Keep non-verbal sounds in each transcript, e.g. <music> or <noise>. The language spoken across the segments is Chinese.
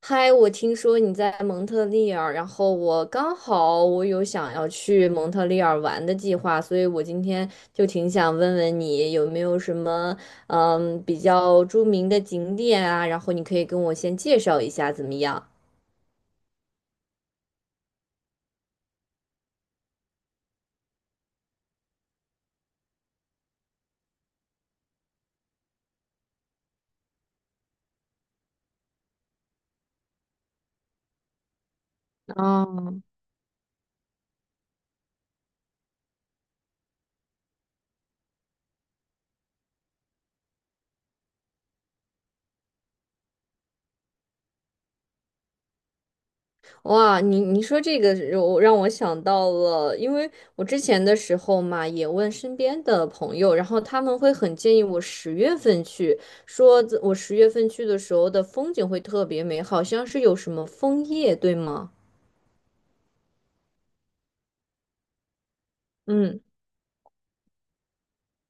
嗨，我听说你在蒙特利尔，然后我刚好有想要去蒙特利尔玩的计划，所以我今天就挺想问问你有没有什么比较著名的景点啊，然后你可以跟我先介绍一下怎么样？啊。哇，你说这个让我想到了，因为我之前的时候嘛，也问身边的朋友，然后他们会很建议我十月份去，说我十月份去的时候的风景会特别美，好像是有什么枫叶，对吗？嗯，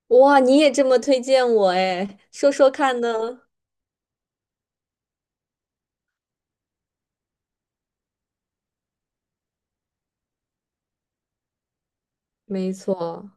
哇，你也这么推荐我哎，说说看呢？没错。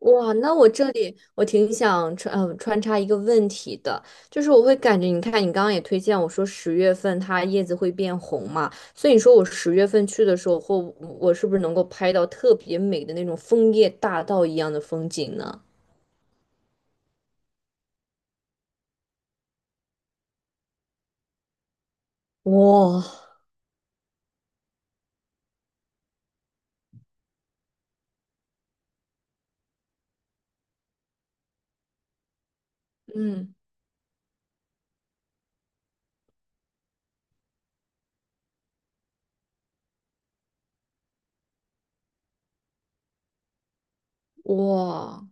哇，那我这里我挺想穿插一个问题的，就是我会感觉，你看你刚刚也推荐我说十月份它叶子会变红嘛，所以你说我十月份去的时候，或我是不是能够拍到特别美的那种枫叶大道一样的风景呢？哇，嗯，哇，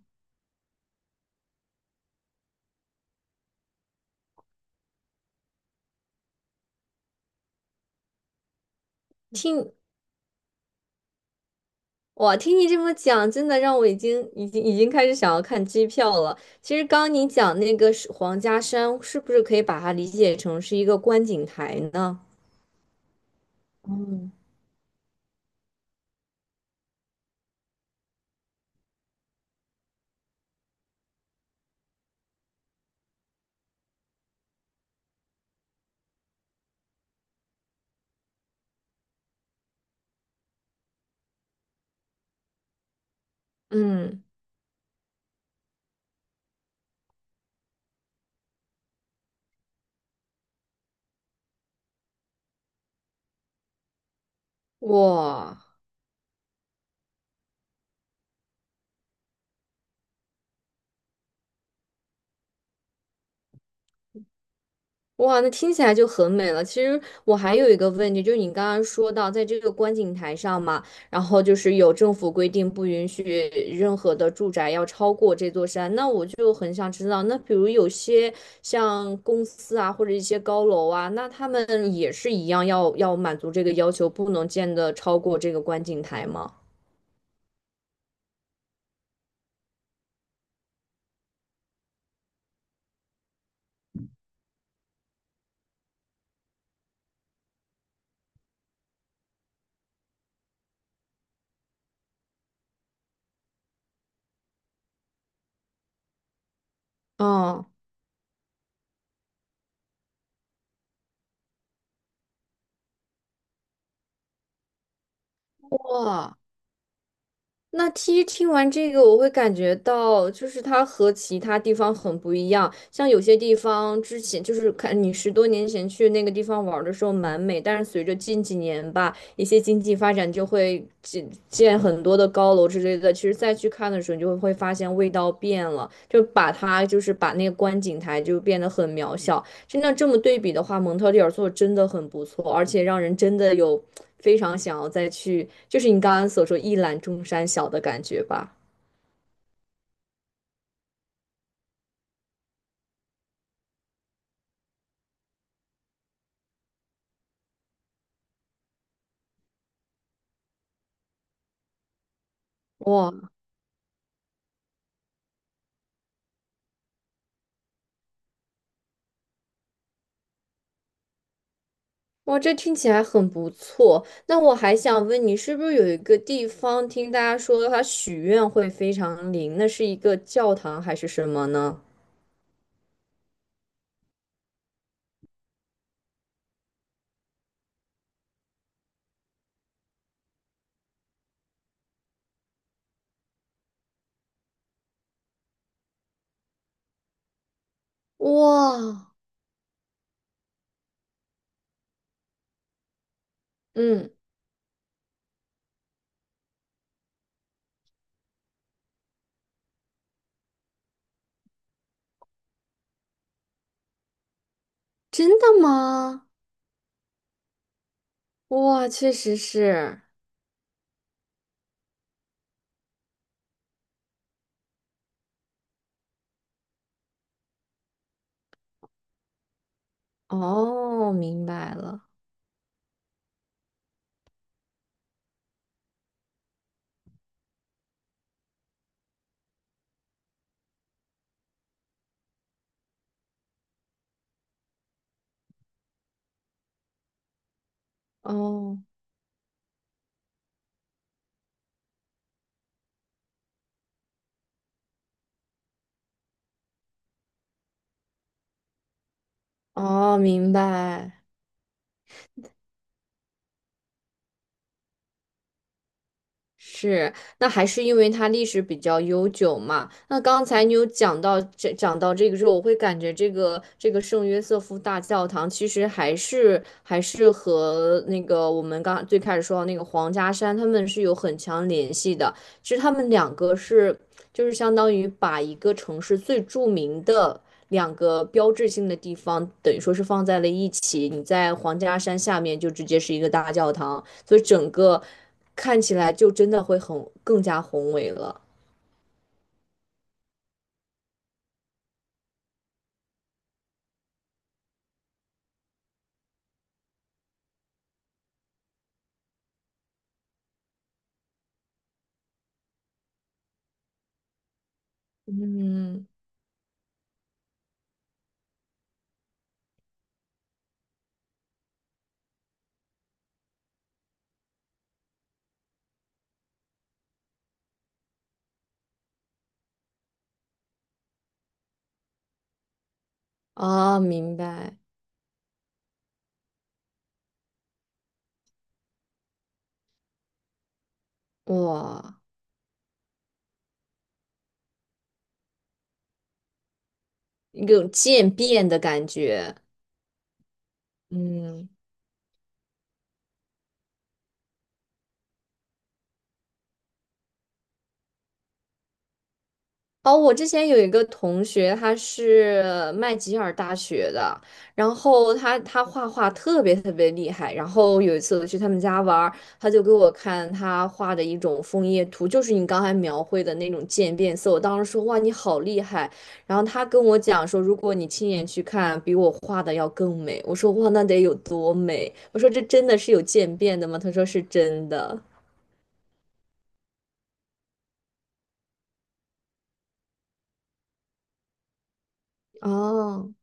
听听你这么讲，真的让我已经开始想要看机票了。其实刚刚你讲那个是皇家山，是不是可以把它理解成是一个观景台呢？嗯嗯，哇哇，那听起来就很美了。其实我还有一个问题，就是你刚刚说到，在这个观景台上嘛，然后就是有政府规定不允许任何的住宅要超过这座山，那我就很想知道，那比如有些像公司啊，或者一些高楼啊，那他们也是一样要满足这个要求，不能建的超过这个观景台吗？嗯哇。那其实听完这个，我会感觉到，就是它和其他地方很不一样。像有些地方之前就是看你十多年前去那个地方玩儿的时候蛮美，但是随着近几年吧，一些经济发展就会建建很多的高楼之类的。其实再去看的时候，你就会发现味道变了，就把它就是把那个观景台就变得很渺小。真的这么对比的话，蒙特利尔做得真的很不错，而且让人真的有非常想要再去，就是你刚刚所说"一览众山小"的感觉吧。哇哇，这听起来很不错。那我还想问你，是不是有一个地方听大家说它许愿会非常灵？那是一个教堂还是什么呢？哇，嗯，真的吗？哇，确实是。哦，明白了。哦哦，明白。是，那还是因为它历史比较悠久嘛。那刚才你有讲到这个时候，我会感觉这个圣约瑟夫大教堂其实还是和那个我们刚最开始说到那个皇家山，他们是有很强联系的。其实他们两个就是相当于把一个城市最著名的两个标志性的地方，等于说是放在了一起。你在皇家山下面就直接是一个大教堂，所以整个看起来就真的会更加宏伟了。嗯啊，明白，哇，一种渐变的感觉。嗯。哦，我之前有一个同学，他是麦吉尔大学的，然后他画画特别特别厉害。然后有一次我去他们家玩儿，他就给我看他画的一种枫叶图，就是你刚才描绘的那种渐变色。我当时说哇，你好厉害！然后他跟我讲说，如果你亲眼去看，比我画的要更美。我说哇，那得有多美？我说这真的是有渐变的吗？他说是真的。哦。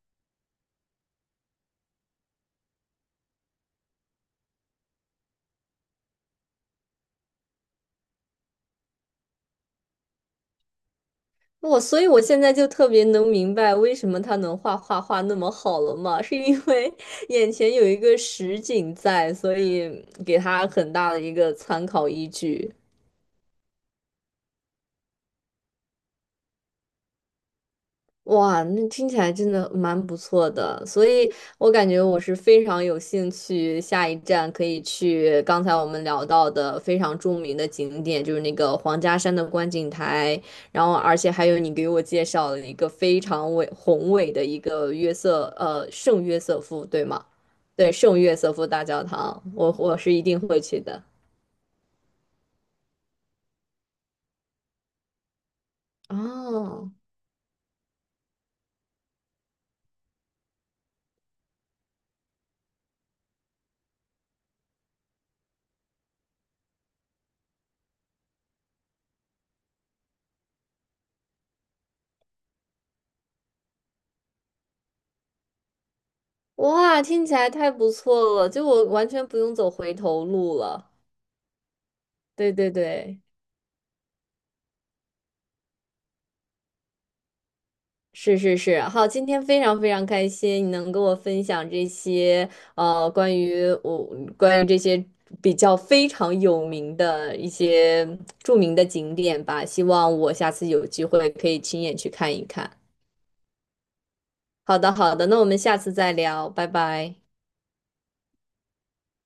我所以，我现在就特别能明白为什么他能画画那么好了嘛，是因为 <laughs> 眼前有一个实景在，所以给他很大的一个参考依据。哇，那听起来真的蛮不错的，所以我感觉我是非常有兴趣，下一站可以去刚才我们聊到的非常著名的景点，就是那个黄家山的观景台，然后而且还有你给我介绍了一个非常宏伟的一个圣约瑟夫，对吗？对，圣约瑟夫大教堂，我是一定会去的。哦，哇，听起来太不错了，就我完全不用走回头路了。对对对。是是是，好，今天非常非常开心，你能跟我分享这些呃关于我关于这些比较非常有名的一些著名的景点吧，希望我下次有机会可以亲眼去看一看。好的好的，那我们下次再聊，拜拜。